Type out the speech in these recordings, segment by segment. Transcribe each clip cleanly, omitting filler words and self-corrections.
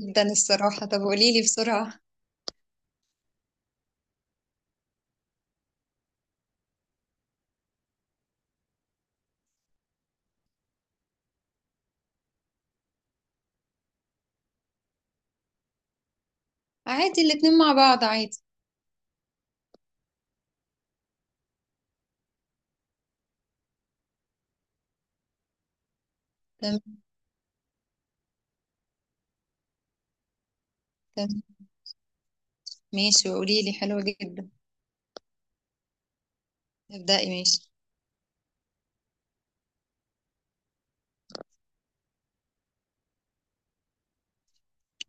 جدا الصراحة. طب قوليلي بسرعة. عادي، الاتنين مع بعض عادي. تمام. تمام ماشي وقوليلي حلوة جدا. ابدأي ماشي.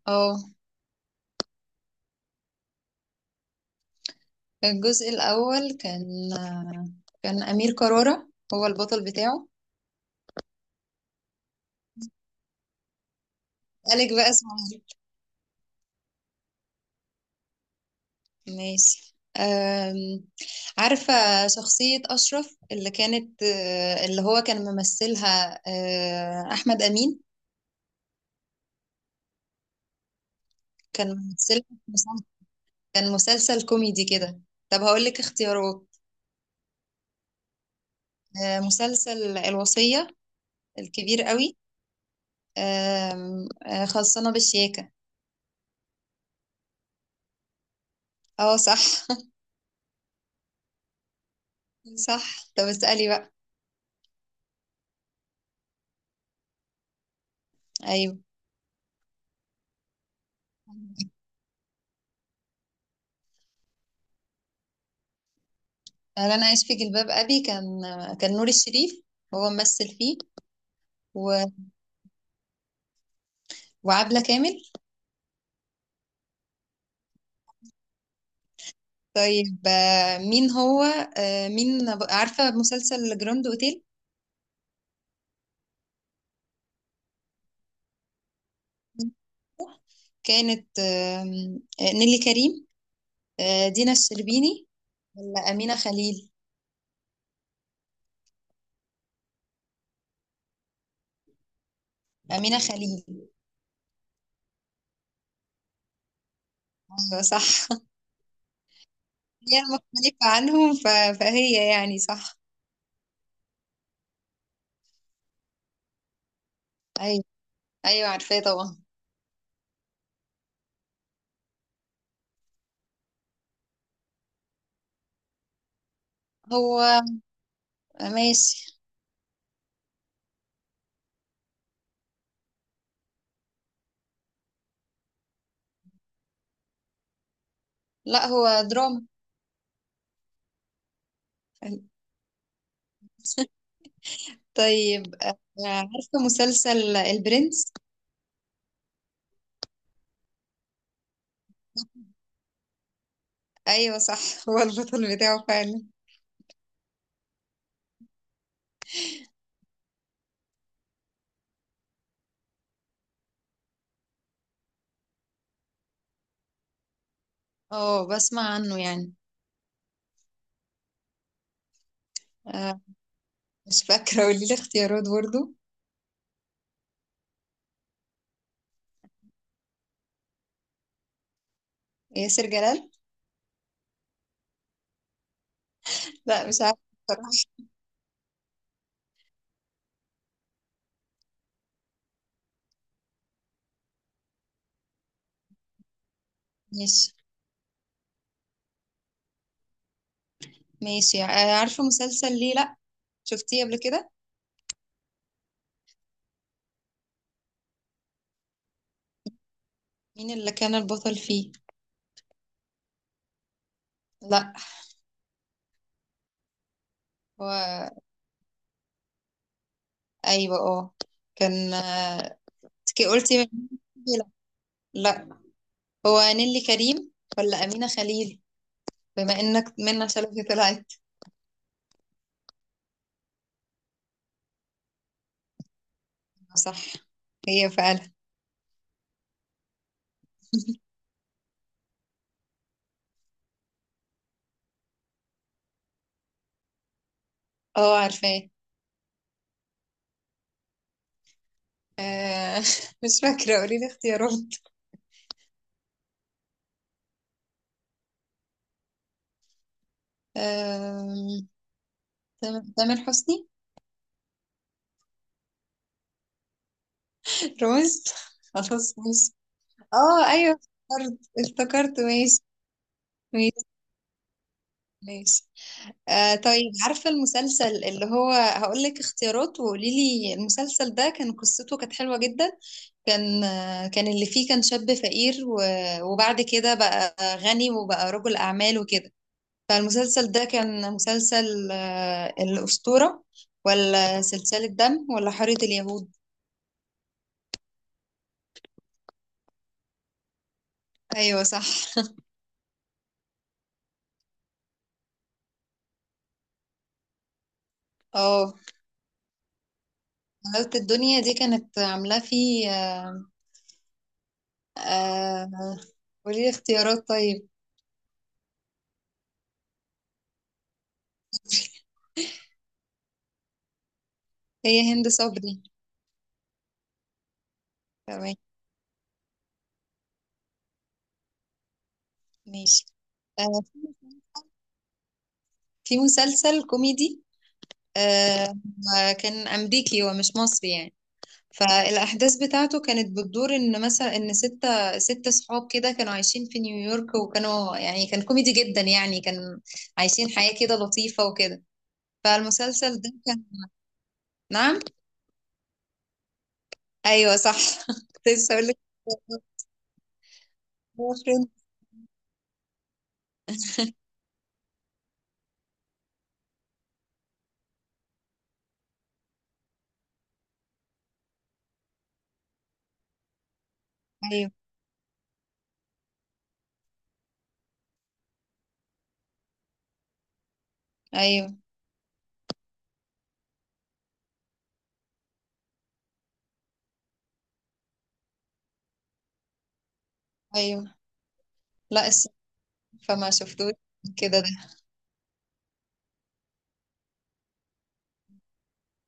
اه. الجزء الأول كان أمير كرارة هو البطل بتاعه. قالك بقى اسمه. ماشي. أم... عارفة شخصية أشرف، اللي هو كان ممثلها. أحمد أمين. كان ممثل كان مسلسل كوميدي كده. طب هقولك اختيارات. مسلسل الوصية، الكبير قوي. آم، آه، خلصانة بالشياكة. اه صح. صح. طب اسألي بقى. ايوه، انا عايش في جلباب ابي كان نور الشريف هو ممثل فيه. و... وعبلة كامل. طيب. آه، مين هو آه، مين عارفة مسلسل جراند اوتيل؟ كانت آم، آه، نيلي كريم، دينا الشربيني، ولا أمينة خليل. أمينة خليل. أيوة صح. هي مختلفة عنهم فهي يعني صح. أيوة. أيوة عارفاه طبعا. هو ماشي. لا، هو دراما. طيب. عارفة مسلسل البرنس؟ أيوة صح. هو البطل بتاعه فعلا. اه بسمع عنه يعني. آه، مش فاكرة، قولي لي اختيارات برضو. ياسر جلال. لا مش عارفة بصراحة. ماشي. ماشي. عارفة مسلسل ليه لا؟ شفتيه قبل كده؟ مين اللي كان البطل فيه؟ لا. هو ايوه اه. كان آه، انت قلتي لا. لا. هو نيلي كريم ولا أمينة خليل، بما انك منى شلبي طلعت. صح، هي فعلا. اه عارفاه. آه، مش فاكرة، قولي لي اختيارات. آم، تامر حسني. روز. خلاص ماشي. اه ايوه، افتكرت، افتكرت، ماشي. ماشي. ماشي. آه طيب، عارفة المسلسل اللي هو هقول لك اختيارات وقولي لي المسلسل ده؟ كان قصته كانت حلوة جدا. كان كان اللي فيه كان شاب فقير وبعد كده بقى غني وبقى رجل أعمال وكده. فالمسلسل ده كان مسلسل، الأسطورة ولا سلسلة دم ولا حارة اليهود؟ أيوة صح. اه، حلاوة الدنيا دي كانت عاملاه فيه. آه، قولي لي اختيارات طيب. هي هند صبري. تمام. ماشي. آه، في مسلسل كوميدي، آه، كان أمريكي ومش مصري يعني. فالأحداث بتاعته كانت بتدور مثلا إن ستة صحاب كده كانوا عايشين في نيويورك، وكانوا يعني كان كوميدي جدا يعني، عايشين حياة كده لطيفة وكده. فالمسلسل ده كان نعم. أيوه صح. كنت لسه أقول لك Boyfriend. أيوه. أيوه. أيوه. لا الصراحة فما شفتوش كده ده.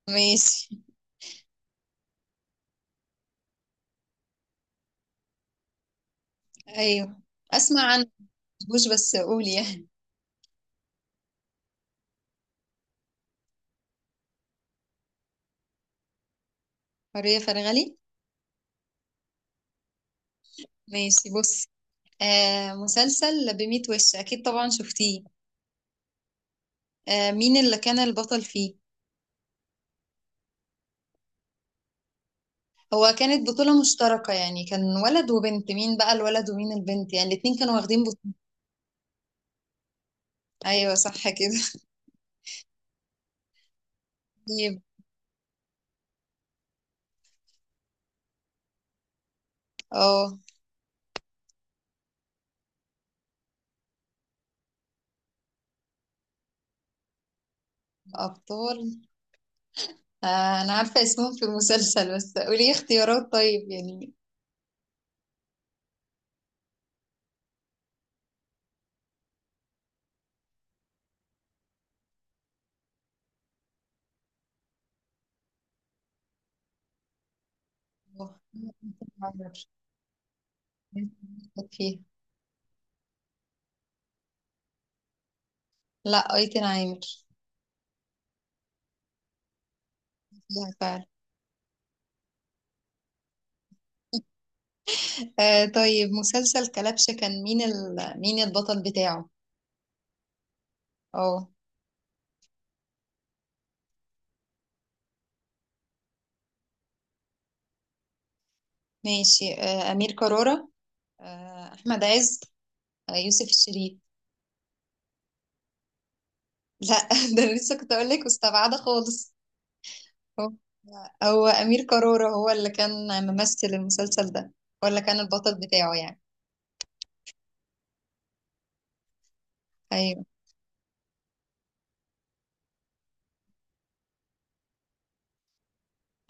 ماشي. أيوه. أسمع عنه، مش بس قولي يعني. حرية فرغلي. ماشي بص. آه مسلسل بميت وش، أكيد طبعا شفتيه. مين اللي كان البطل فيه؟ كانت بطولة مشتركة يعني، كان ولد وبنت. مين بقى الولد ومين البنت يعني؟ الاتنين كانوا واخدين بطولة. ايوه صح كده. طيب اه. ابطال؟ آه انا عارفة اسمهم في المسلسل، بس قولي اختيارات طيب يعني. أيتن عامر فيها. لا، ايتن عامر فيها فعلا. آه طيب، مسلسل كلبشة كان مين مين البطل بتاعه؟ اه. ماشي. امير كرارة، احمد عز، يوسف الشريف. لا، ده أنا لسه كنت اقول لك مستبعده خالص. هو هو امير كرارة هو اللي كان ممثل المسلسل ده، ولا كان البطل بتاعه يعني. ايوه.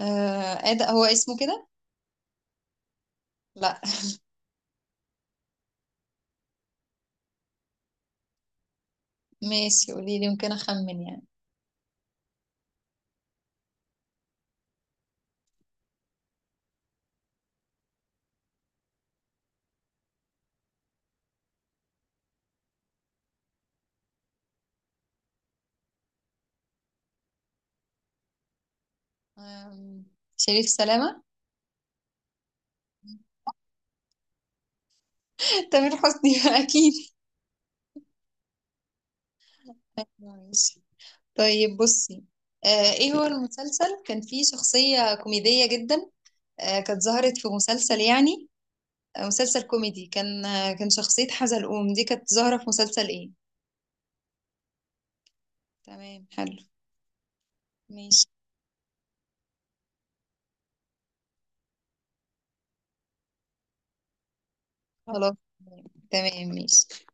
ده هو اسمه كده. لا. ماشي، قولي لي يمكن اخمن يعني. آم، شريف سلامه. تامر حسني اكيد. ماشي. طيب بصي، ايه هو المسلسل كان فيه شخصيه كوميديه جدا، كانت ظهرت في مسلسل يعني، مسلسل كوميدي، كان شخصية حزلقوم دي كانت ظاهرة في مسلسل ايه؟ تمام حلو. ماشي. خلاص. تمام ماشي.